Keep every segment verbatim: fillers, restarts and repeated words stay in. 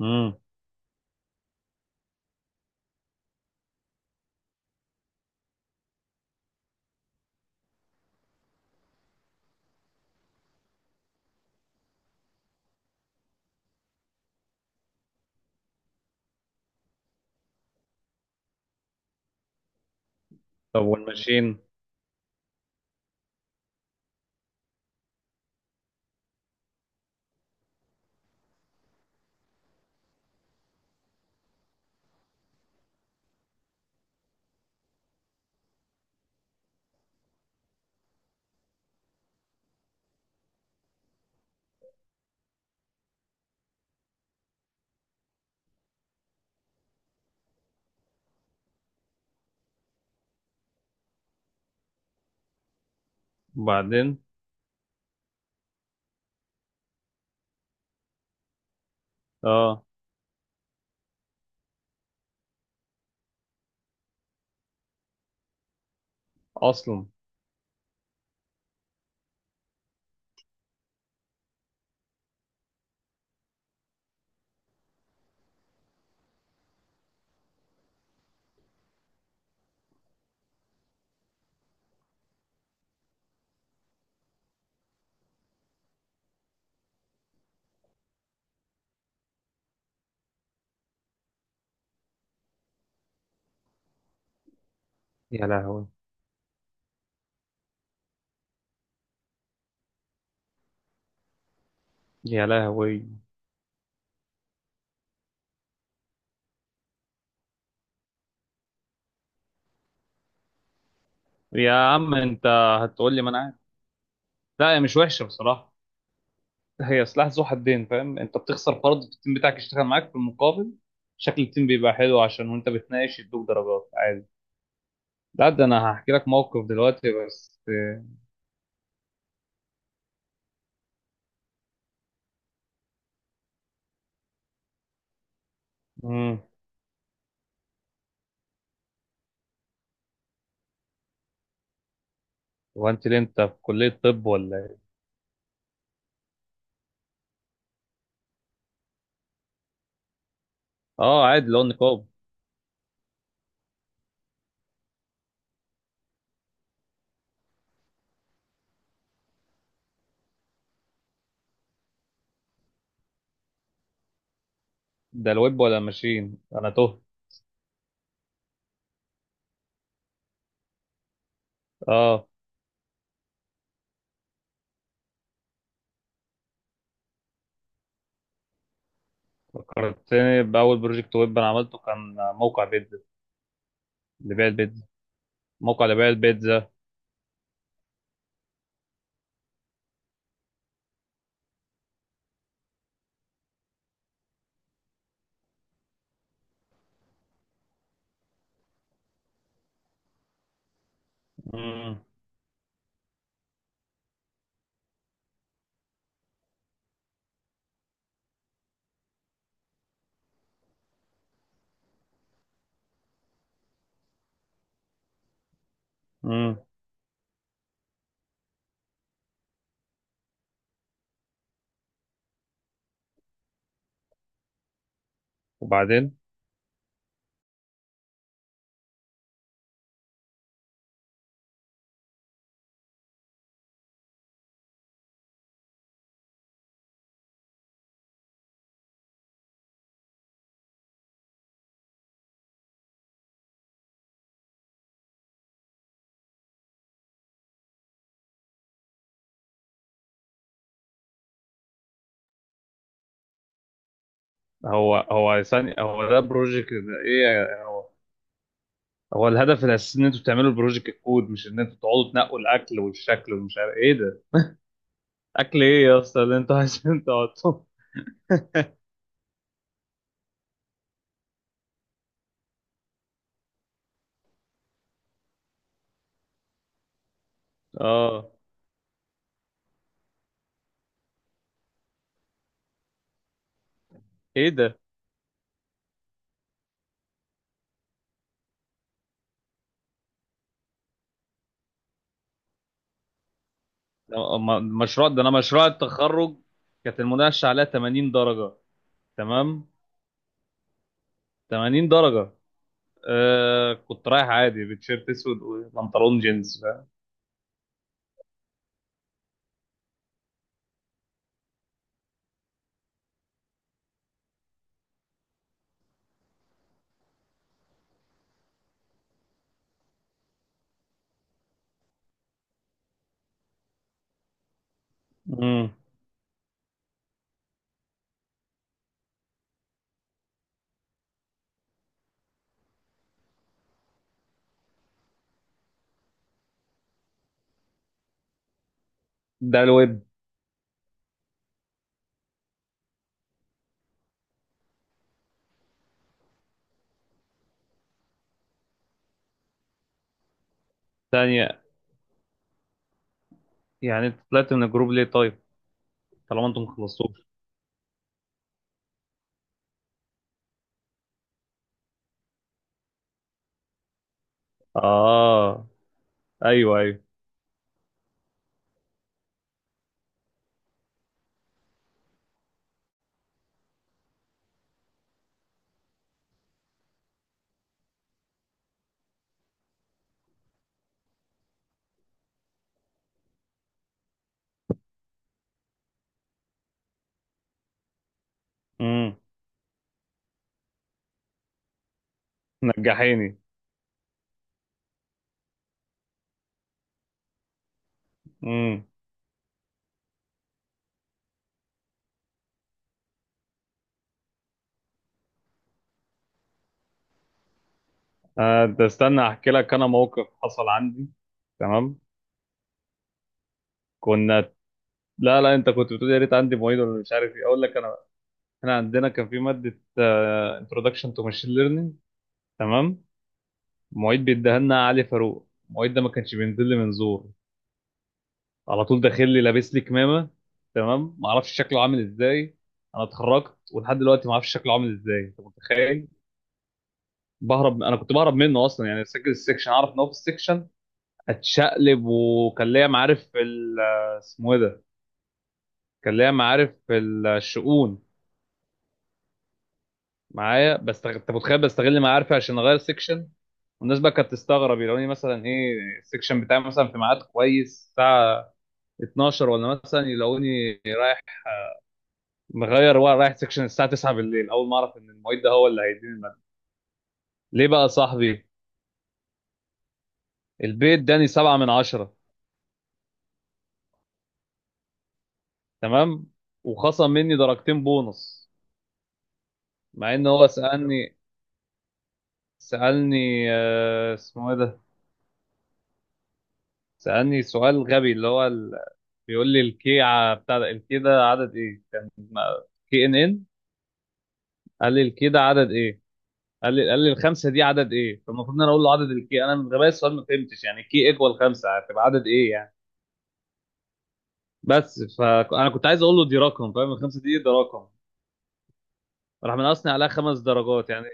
امم طب والماشين. وبعدين؟ اه، اصلا يا لهوي، يا لهوي. يا عم انت، هتقول لي ما انا عارف. لا، هي مش وحشه بصراحه. هي سلاح ذو حدين، فاهم؟ انت بتخسر فرد في التيم بتاعك يشتغل معاك، في المقابل شكل التيم بيبقى حلو، عشان وانت بتناقش يدوك درجات عادي. لا، ده انا هحكي لك موقف دلوقتي بس. امم هو انت ليه انت في كليه طب ولا ايه؟ اه عادي لو نقاب. ده الويب ولا ماشين؟ انا تهت. اه، فكرتني بأول بروجكت ويب أنا عملته، كان موقع بيتزا لبيع البيتزا، موقع لبيع البيتزا. مم. مم. وبعدين؟ هو هو ثاني، هو ده بروجكت إيه هو؟ هو الهدف الأساسي إن أنتوا تعملوا البروجكت كود، مش إن أنتوا تقعدوا تنقوا الأكل والشكل ومش عارف إيه ده. أكل إيه يا أسطى اللي أنتوا عايزين تقعدوا؟ آه، إيه ده؟ أما المشروع ده أنا، مشروع التخرج، كانت المناقشة عليها ثمانين درجة، تمام؟ ثمانين درجة. آه، كنت رايح عادي بتيشيرت اسود وبنطلون جينز، فاهم؟ مم. ده الويب. ثانية، يعني انت طلعت من الجروب ليه طيب؟ طالما انتم خلصتوش. اه، ايوه ايوه. امم، نجحيني. امم. آه، ده استنى احكي لك انا موقف حصل عندي، تمام؟ كنا، لا لا، انت كنت بتقول يا ريت عندي معيد ولا مش عارف ايه، اقول لك انا، احنا عندنا كان في ماده انتروداكشن تو ماشين ليرنينج، تمام؟ المعيد بيديها لنا علي فاروق، المعيد ده ما كانش بينزل لي من زور، على طول داخل لي لابس لي كمامه، تمام؟ ما اعرفش شكله عامل ازاي، انا اتخرجت ولحد دلوقتي ما اعرفش شكله عامل ازاي، انت متخيل؟ بهرب، انا كنت بهرب منه اصلا، يعني سجل السكشن اعرف ان هو في السكشن اتشقلب، وكان ليا معارف في ال- آه، اسمه ايه ده، كان ليا معارف في الشؤون معايا، بس انت متخيل بستغل معارفي عشان اغير سكشن؟ والناس بقى كانت تستغرب، يلاقوني مثلا ايه، السكشن بتاعي مثلا في ميعاد كويس، الساعه اتناشر، ولا مثلا يلاقوني مغير ورق رايح سكشن الساعه تسعة بالليل، اول ما اعرف ان المعيد ده هو اللي هيديني الماده. ليه بقى يا صاحبي؟ البيت اداني سبعة من عشرة، تمام؟ وخصم مني درجتين بونص، مع ان هو سالني، سالني آه، اسمه ايه ده، سالني سؤال غبي اللي هو ال... بيقول لي الكي ع- بتاع ده، الكي ده عدد ايه كان؟ كي ان ان. قال لي الكي ده عدد ايه، قال لي قال لي الخمسه دي عدد ايه، فالمفروض ان انا اقول له عدد الكي. انا من غباية السؤال ما فهمتش، يعني كي ايكوال خمسه هتبقى عدد ايه يعني، بس فانا كنت عايز اقول له دي رقم، فاهم؟ الخمسه دي ده رقم. راح منقصني عليها خمس درجات يعني.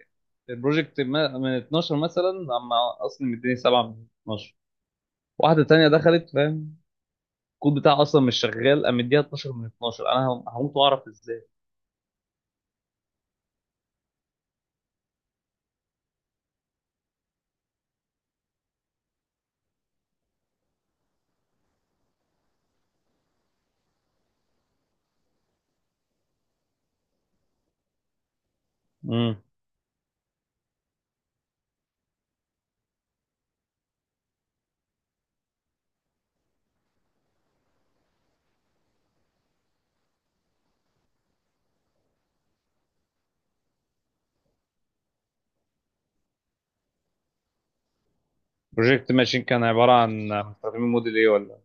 البروجكت ما- من اتناشر مثلا، اما اصلا مديني سبعة من اتناشر. واحده تانية دخلت، فاهم؟ الكود بتاعها اصلا مش شغال، قام مديها اتناشر من اتناشر. انا هم- هموت واعرف ازاي. امم. بروجكت ماشين كان عباره عن مستخدمين موديل ايه ولا؟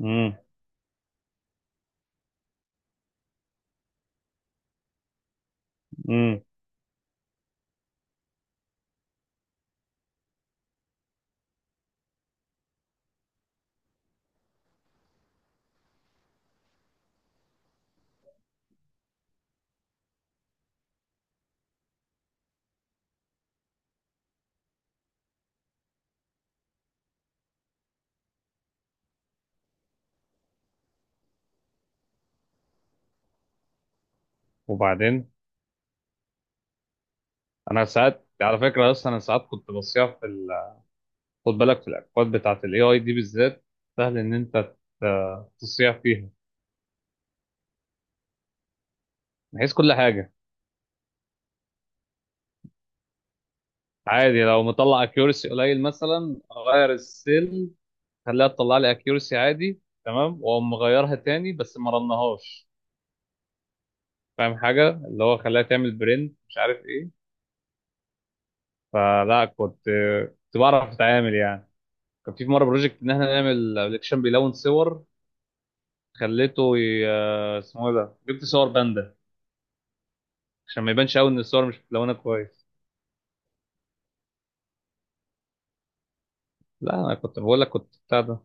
امم. امم. وبعدين؟ انا ساعات على فكره، اصلا انا ساعات كنت بصيح في ال... خد بالك في الاكواد بتاعت الاي اي دي بالذات، سهل ان انت ت- تصيح فيها، بحيث كل حاجه. عادي لو مطلع اكيورسي قليل مثلا اغير السيل، خليها تطلع لي اكيورسي عادي تمام، واقوم مغيرها تاني بس ما رنهاش، فاهم حاجه؟ اللي هو خليها تعمل برنت مش عارف ايه. فلا، كنت كنت بعرف اتعامل يعني. كان في مره بروجكت ان احنا نعمل ابلكيشن بيلون صور، خليته ي- اسمه ايه ده، جبت صور باندا عشان ما يبانش قوي ان الصور مش متلونه كويس. لا انا كنت بقول لك كنت بتاع ده.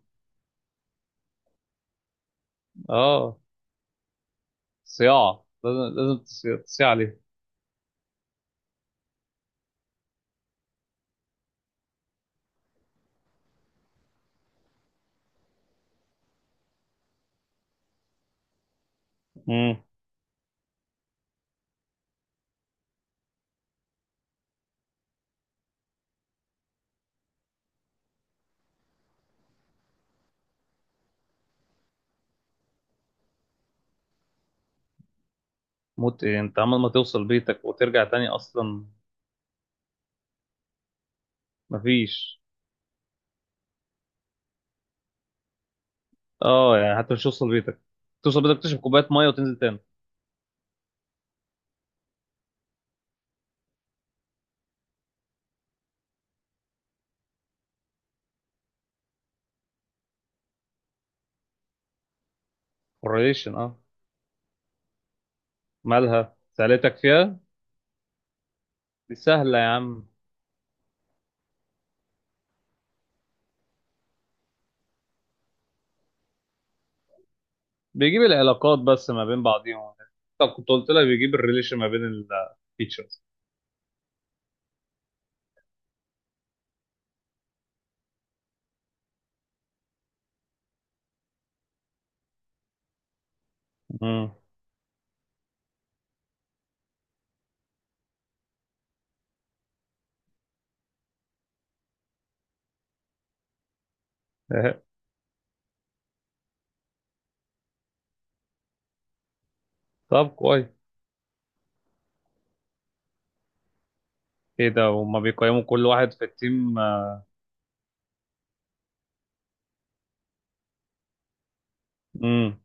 اه، صياعه لازم لازم تصيع عليه. موت ايه؟ انت عمال ما توصل بيتك وترجع تاني اصلا؟ مفيش. اه، يعني حتى مش توصل بيتك، توصل بيتك تشرب كوبايه ميه وتنزل تاني. حريشن، اه. مالها سألتك فيها؟ دي سهله يا عم، بيجيب العلاقات بس ما بين بعضيهم. طب كنت قلت لك بيجيب الريليشن ما بين التيتشرز. امم. طب كويس. ايه ده، هما بيقيموا كل واحد في التيم؟ امم.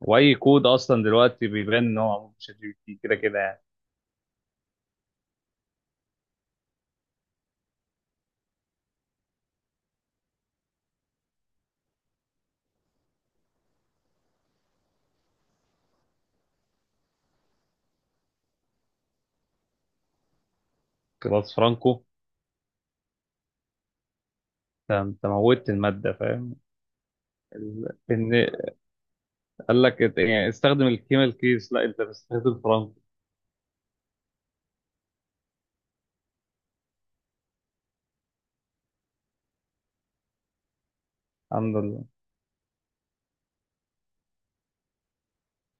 واي كود اصلا دلوقتي بيبان ان هو معمول بشات جي بي تي، كده كده يعني. كلاس فرانكو، ده انت موتت الماده فاهم. ان قال لك إت- يعني استخدم الكيميال كيس، لا انت بتستخدم فرنك. الحمد لله.